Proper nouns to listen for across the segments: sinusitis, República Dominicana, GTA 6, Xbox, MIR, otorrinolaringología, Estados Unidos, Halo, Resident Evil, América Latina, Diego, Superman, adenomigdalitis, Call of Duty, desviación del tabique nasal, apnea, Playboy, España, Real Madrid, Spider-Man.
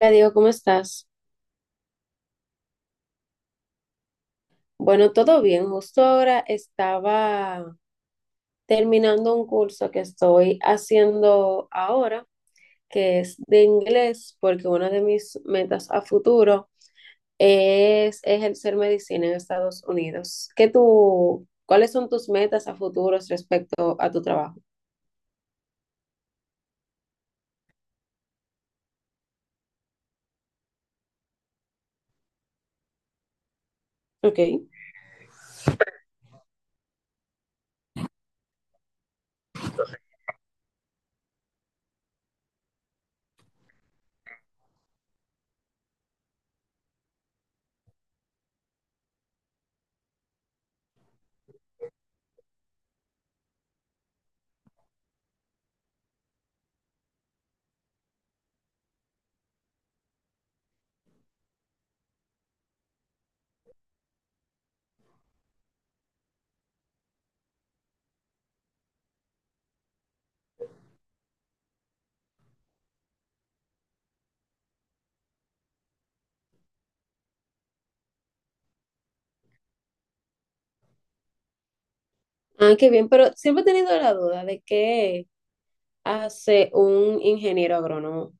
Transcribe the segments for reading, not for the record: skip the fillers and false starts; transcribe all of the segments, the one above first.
Hola Diego, ¿cómo estás? Bueno, todo bien. Justo ahora estaba terminando un curso que estoy haciendo ahora, que es de inglés, porque una de mis metas a futuro es ejercer medicina en Estados Unidos. ¿Qué tú, cuáles son tus metas a futuros respecto a tu trabajo? Ok. Ah, qué bien, pero siempre he tenido la duda de qué hace un ingeniero agrónomo.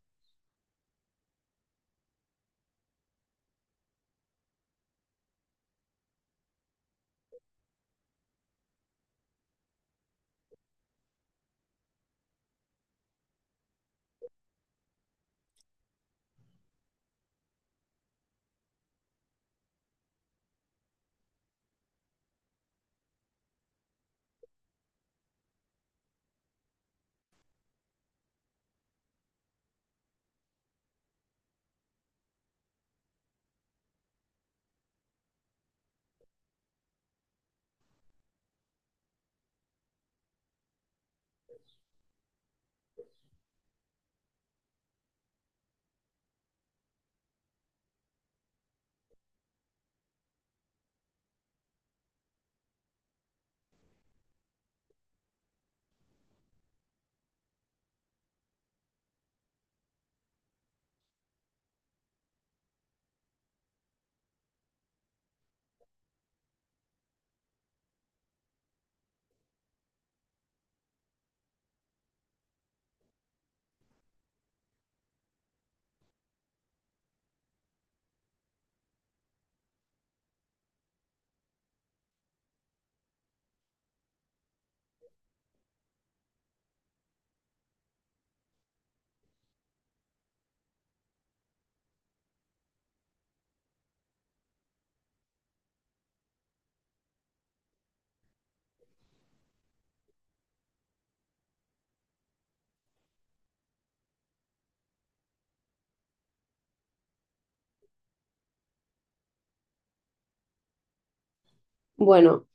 Bueno,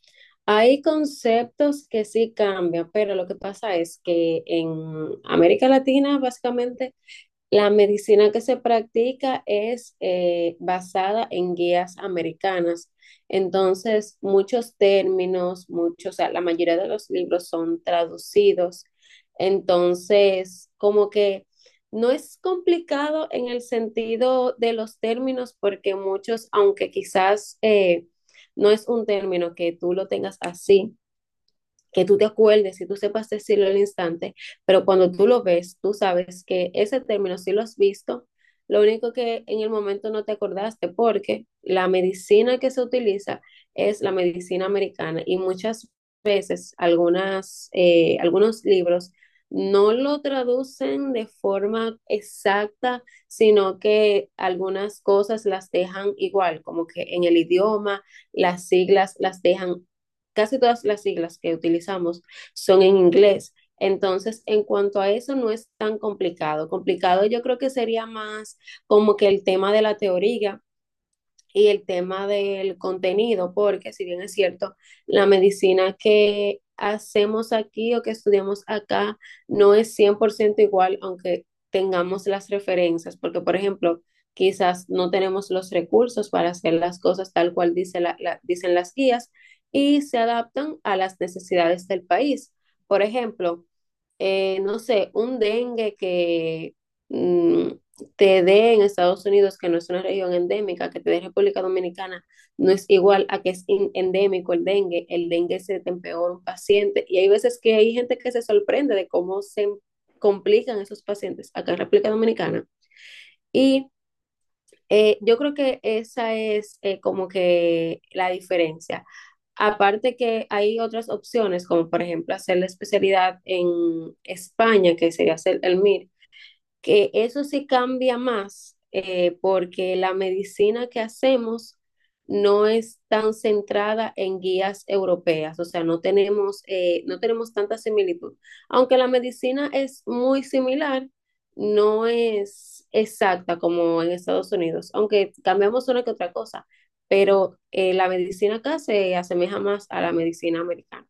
hay conceptos que sí cambian, pero lo que pasa es que en América Latina básicamente la medicina que se practica es basada en guías americanas. Entonces, muchos términos, muchos, o sea, la mayoría de los libros son traducidos. Entonces, como que no es complicado en el sentido de los términos, porque muchos, aunque quizás no es un término que tú lo tengas así, que tú te acuerdes, y tú sepas decirlo al instante, pero cuando tú lo ves, tú sabes que ese término sí lo has visto, lo único que en el momento no te acordaste porque la medicina que se utiliza es la medicina americana y muchas veces algunas, algunos libros no lo traducen de forma exacta, sino que algunas cosas las dejan igual, como que en el idioma las siglas las dejan, casi todas las siglas que utilizamos son en inglés. Entonces, en cuanto a eso, no es tan complicado. Complicado yo creo que sería más como que el tema de la teoría, y el tema del contenido, porque si bien es cierto, la medicina que hacemos aquí o que estudiamos acá no es 100% igual, aunque tengamos las referencias, porque por ejemplo, quizás no tenemos los recursos para hacer las cosas tal cual dice dicen las guías y se adaptan a las necesidades del país. Por ejemplo, no sé, un dengue que mm, te dé en Estados Unidos, que no es una región endémica, que te dé República Dominicana, no es igual a que es endémico el dengue. El dengue se te empeora un paciente y hay veces que hay gente que se sorprende de cómo se complican esos pacientes acá en República Dominicana. Y yo creo que esa es, como que la diferencia. Aparte que hay otras opciones, como por ejemplo hacer la especialidad en España, que sería hacer el MIR, que eso sí cambia más, porque la medicina que hacemos no es tan centrada en guías europeas, o sea, no tenemos, no tenemos tanta similitud. Aunque la medicina es muy similar, no es exacta como en Estados Unidos, aunque cambiamos una que otra cosa, pero la medicina acá se asemeja más a la medicina americana.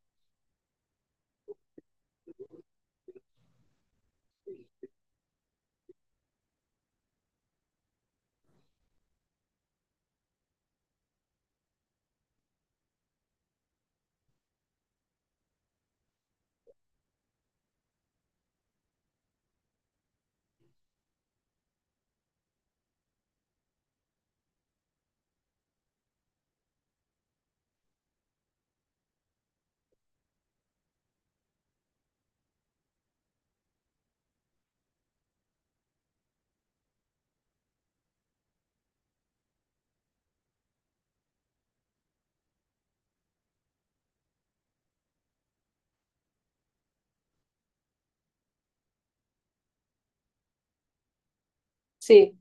Sí.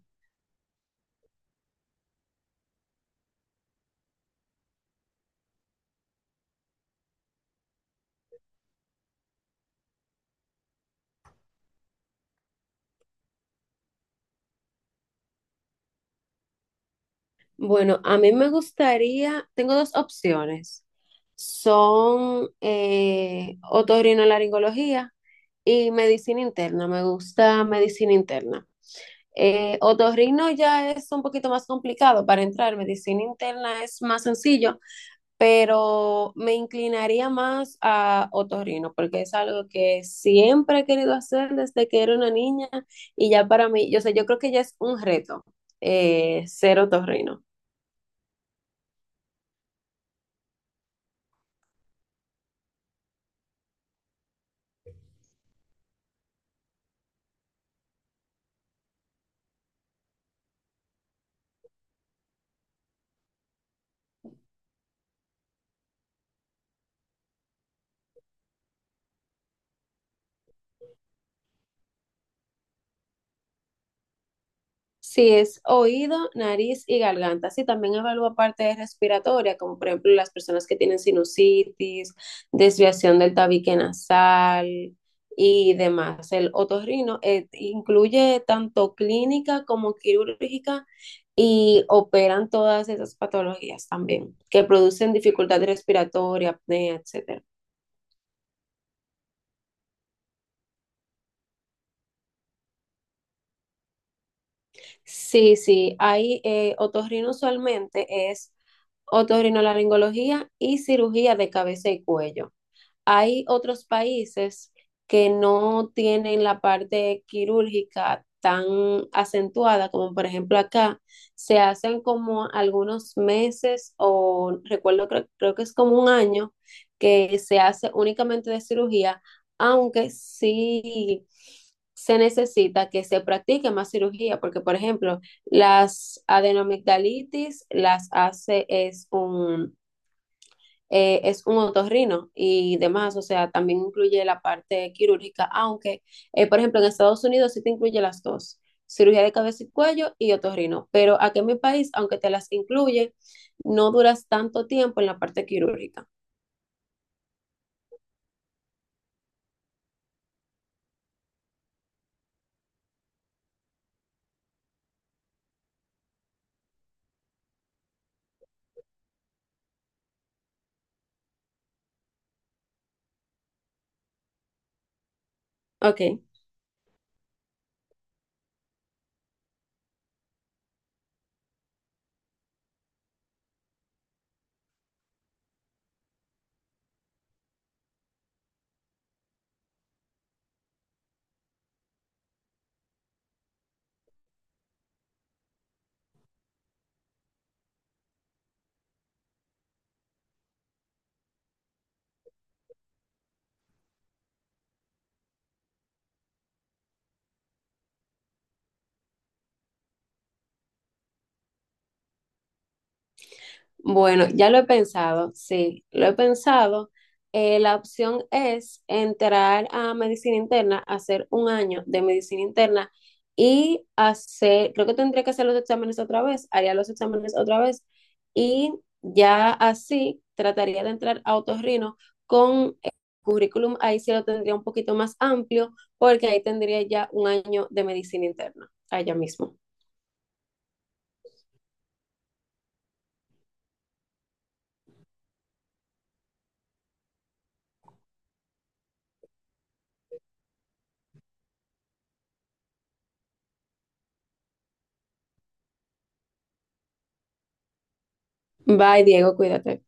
Bueno, a mí me gustaría, tengo dos opciones. Son otorrinolaringología y medicina interna. Me gusta medicina interna. Otorrino ya es un poquito más complicado para entrar, medicina interna es más sencillo, pero me inclinaría más a otorrino porque es algo que siempre he querido hacer desde que era una niña y ya para mí, yo sé, yo creo que ya es un reto, ser otorrino. Si es oído, nariz y garganta. Sí, también evalúa parte respiratoria, como por ejemplo las personas que tienen sinusitis, desviación del tabique nasal y demás. El otorrino incluye tanto clínica como quirúrgica y operan todas esas patologías también, que producen dificultad respiratoria, apnea, etcétera. Sí, sí, hay otorrino usualmente es otorrinolaringología y cirugía de cabeza y cuello. Hay otros países que no tienen la parte quirúrgica tan acentuada como por ejemplo acá, se hacen como algunos meses o recuerdo, creo que es como un año que se hace únicamente de cirugía, aunque sí se necesita que se practique más cirugía, porque por ejemplo, las adenomigdalitis las hace es un otorrino y demás, o sea, también incluye la parte quirúrgica, aunque, por ejemplo, en Estados Unidos sí te incluye las dos, cirugía de cabeza y cuello y otorrino, pero aquí en mi país, aunque te las incluye, no duras tanto tiempo en la parte quirúrgica. Ok. Bueno, ya lo he pensado, sí, lo he pensado. La opción es entrar a medicina interna, hacer un año de medicina interna y hacer, creo que tendría que hacer los exámenes otra vez, haría los exámenes otra vez y ya así trataría de entrar a otorrino con el currículum, ahí sí lo tendría un poquito más amplio porque ahí tendría ya un año de medicina interna, allá mismo. Bye, Diego, cuídate.